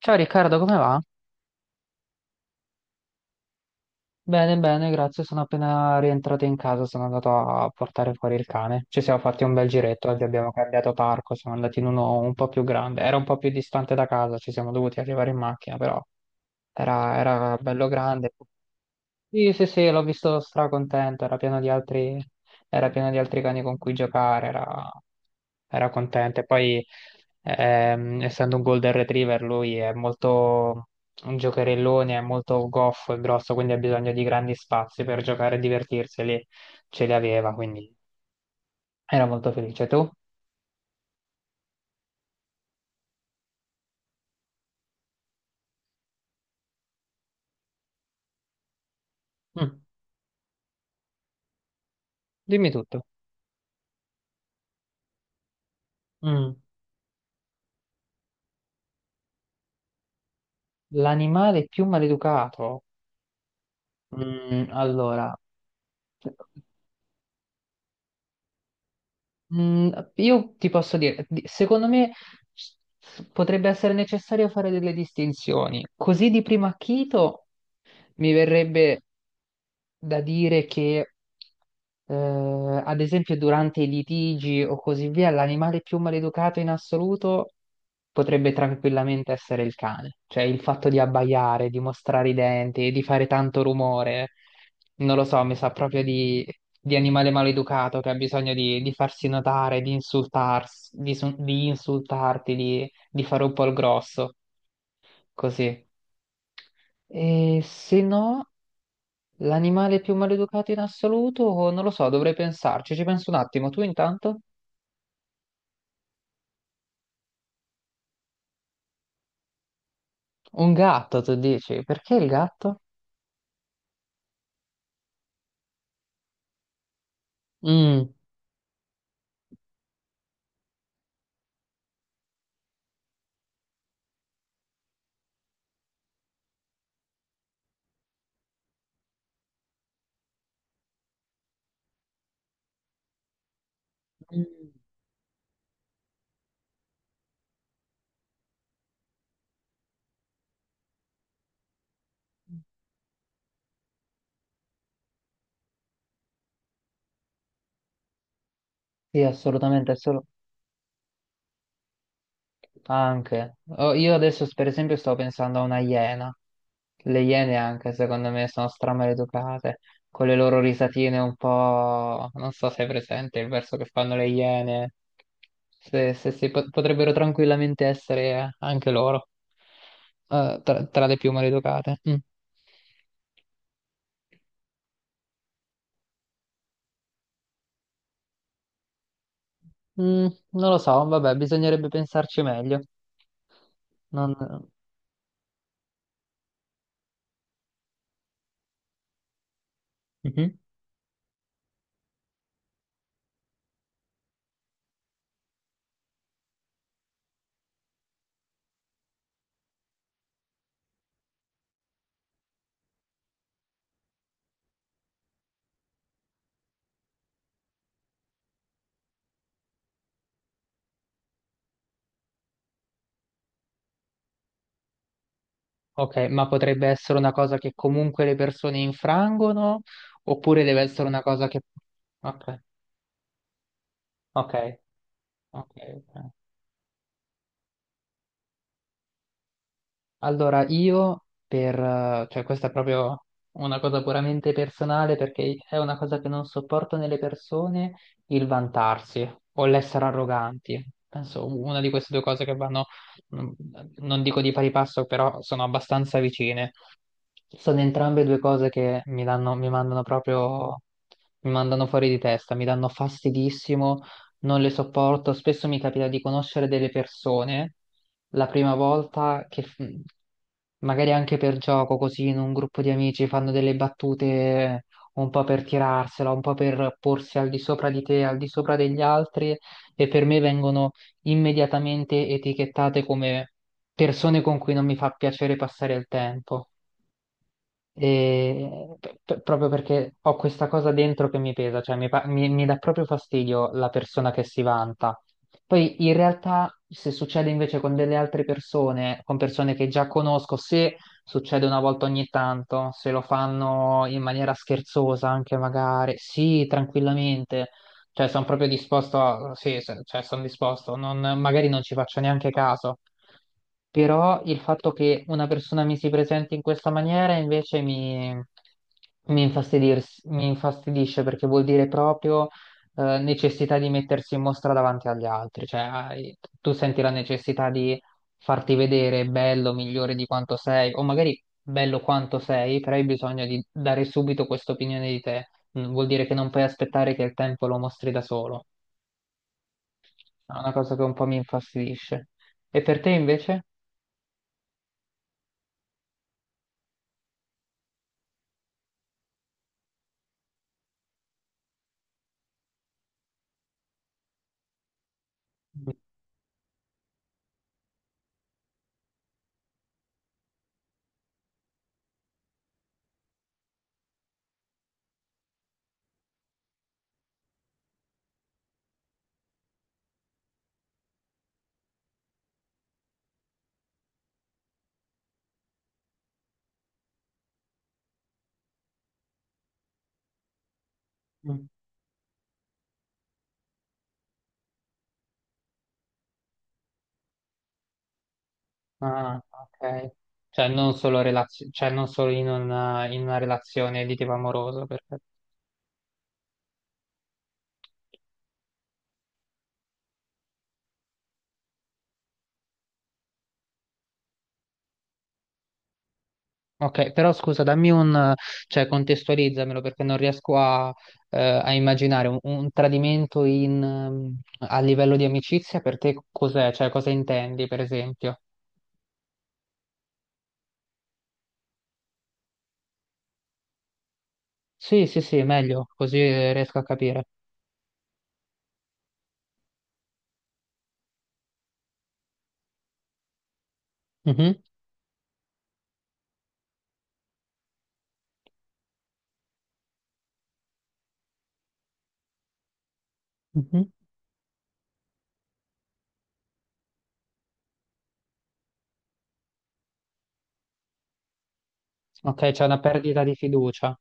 Ciao Riccardo, come va? Bene, bene, grazie. Sono appena rientrato in casa, sono andato a portare fuori il cane. Ci siamo fatti un bel giretto, oggi abbiamo cambiato parco, siamo andati in uno un po' più grande. Era un po' più distante da casa, ci siamo dovuti arrivare in macchina, però era bello grande. Sì, sì, sì, l'ho visto stracontento, era pieno di altri cani con cui giocare, era contento. E poi, essendo un Golden Retriever, lui è molto un giocherellone, è molto goffo e grosso, quindi ha bisogno di grandi spazi per giocare e divertirsi, e lì ce li aveva, quindi era molto felice. Tu? Mm, Dimmi tutto. Mm. L'animale più maleducato? Allora, Mm, io ti posso dire, secondo me s- potrebbe essere necessario fare delle distinzioni. Così di primo acchito, mi verrebbe da dire che, eh, ad esempio, durante i litigi o così via, l'animale più maleducato in assoluto potrebbe tranquillamente essere il cane. Cioè il fatto di abbaiare, di mostrare i denti, di fare tanto rumore, non lo so, mi sa proprio di animale maleducato che ha bisogno di farsi notare, di insultarsi, di insultarti, di fare un po' il grosso, così. E se no. L'animale più maleducato in assoluto? Non lo so, dovrei pensarci. Ci penso un attimo. Tu intanto? Un gatto, tu dici. Perché il gatto? Mm. Mm. Sì, assolutamente, è solo. Anche. Oh, io adesso per esempio sto pensando a una iena. Le iene anche secondo me sono stramaleducate, con le loro risatine un po'. Non so se è presente il verso che fanno le iene, se potrebbero tranquillamente essere anche loro, tra le più maleducate. Mm. Non lo so, vabbè, bisognerebbe pensarci meglio. Non. Mhm. Ok, ma potrebbe essere una cosa che comunque le persone infrangono, oppure deve essere una cosa che. Ok, ok, ok. Ok. Allora io cioè questa è proprio una cosa puramente personale perché è una cosa che non sopporto nelle persone, il vantarsi o l'essere arroganti. Penso una di queste due cose che vanno, non non dico di pari passo, però sono abbastanza vicine. Sono entrambe due cose che mi danno, mi mandano proprio, mi mandano fuori di testa, mi danno fastidissimo, non le sopporto. Spesso mi capita di conoscere delle persone la prima volta che magari anche per gioco, così in un gruppo di amici fanno delle battute un po' per tirarsela, un po' per porsi al di sopra di te, al di sopra degli altri e per me vengono immediatamente etichettate come persone con cui non mi fa piacere passare il tempo. E proprio perché ho questa cosa dentro che mi pesa, cioè mi dà proprio fastidio la persona che si vanta. Poi in realtà se succede invece con delle altre persone, con persone che già conosco, se succede una volta ogni tanto, se lo fanno in maniera scherzosa anche magari, sì, tranquillamente, cioè, sono proprio disposto a. Sì, cioè, sono disposto. Non, magari non ci faccio neanche caso. Però il fatto che una persona mi si presenti in questa maniera invece mi infastidisce perché vuol dire proprio necessità di mettersi in mostra davanti agli altri. Cioè, tu senti la necessità di farti vedere bello, migliore di quanto sei, o magari bello quanto sei, però hai bisogno di dare subito questa opinione di te. Vuol dire che non puoi aspettare che il tempo lo mostri da solo. È una cosa che un po' mi infastidisce. E per te invece? Mm. Ah, ok. Cioè non solo, cioè, non solo in una, relazione di tipo amoroso, perfetto. Ok, però scusa, dammi un, cioè contestualizzamelo perché non riesco a immaginare un tradimento in, a livello di amicizia per te cos'è? Cioè cosa intendi, per esempio? Sì, sì, sì, meglio, così riesco a capire. Mhm, mhm. Ok, c'è una perdita di fiducia.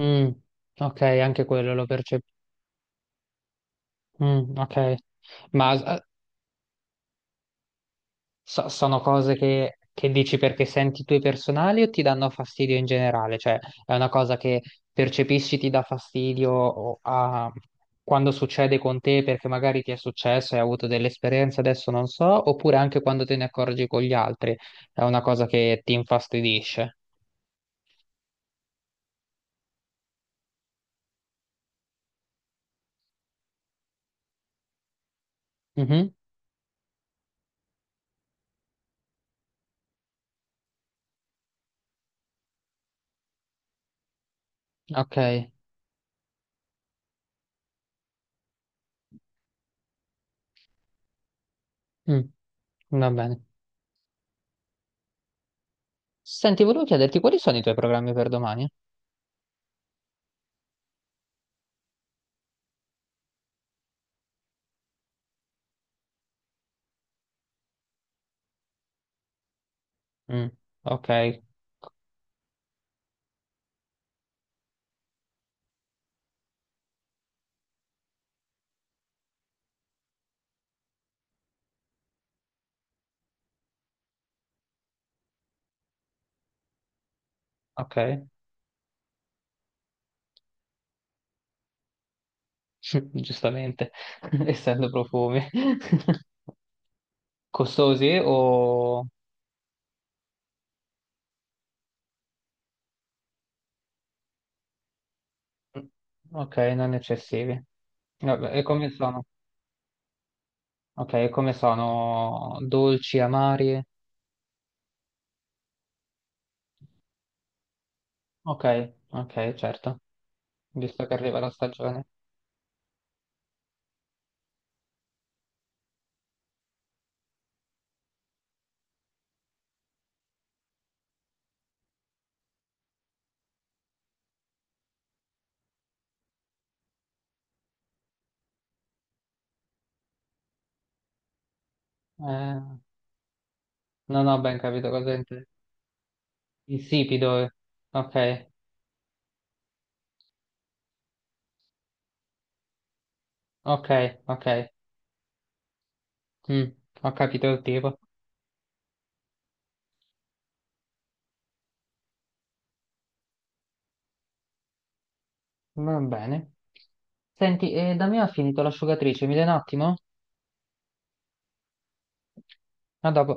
Mm, ok, anche quello lo percepisco. Ok, ma sono cose che dici perché senti tue personali o ti danno fastidio in generale? Cioè, è una cosa che percepisci ti dà fastidio quando succede con te perché magari ti è successo e hai avuto delle esperienze, adesso non so, oppure anche quando te ne accorgi con gli altri, è una cosa che ti infastidisce. Mhm. Ok. Mm. Va bene. Senti, volevo chiederti quali sono i tuoi programmi per domani? Mm, Ok, ok, giustamente, essendo profumi. Costosi o. Ok, non eccessivi. Vabbè, e come sono? Ok, e come sono? Dolci, amari? Ok, ok, certo, visto che arriva la stagione. Eh, non ho ben capito cosa intendi. Insipido. Eh. Ok, ok, ok. Mm, Ho capito il tipo. Va bene. Senti, da me ha finito l'asciugatrice, mi dai un attimo? A dopo.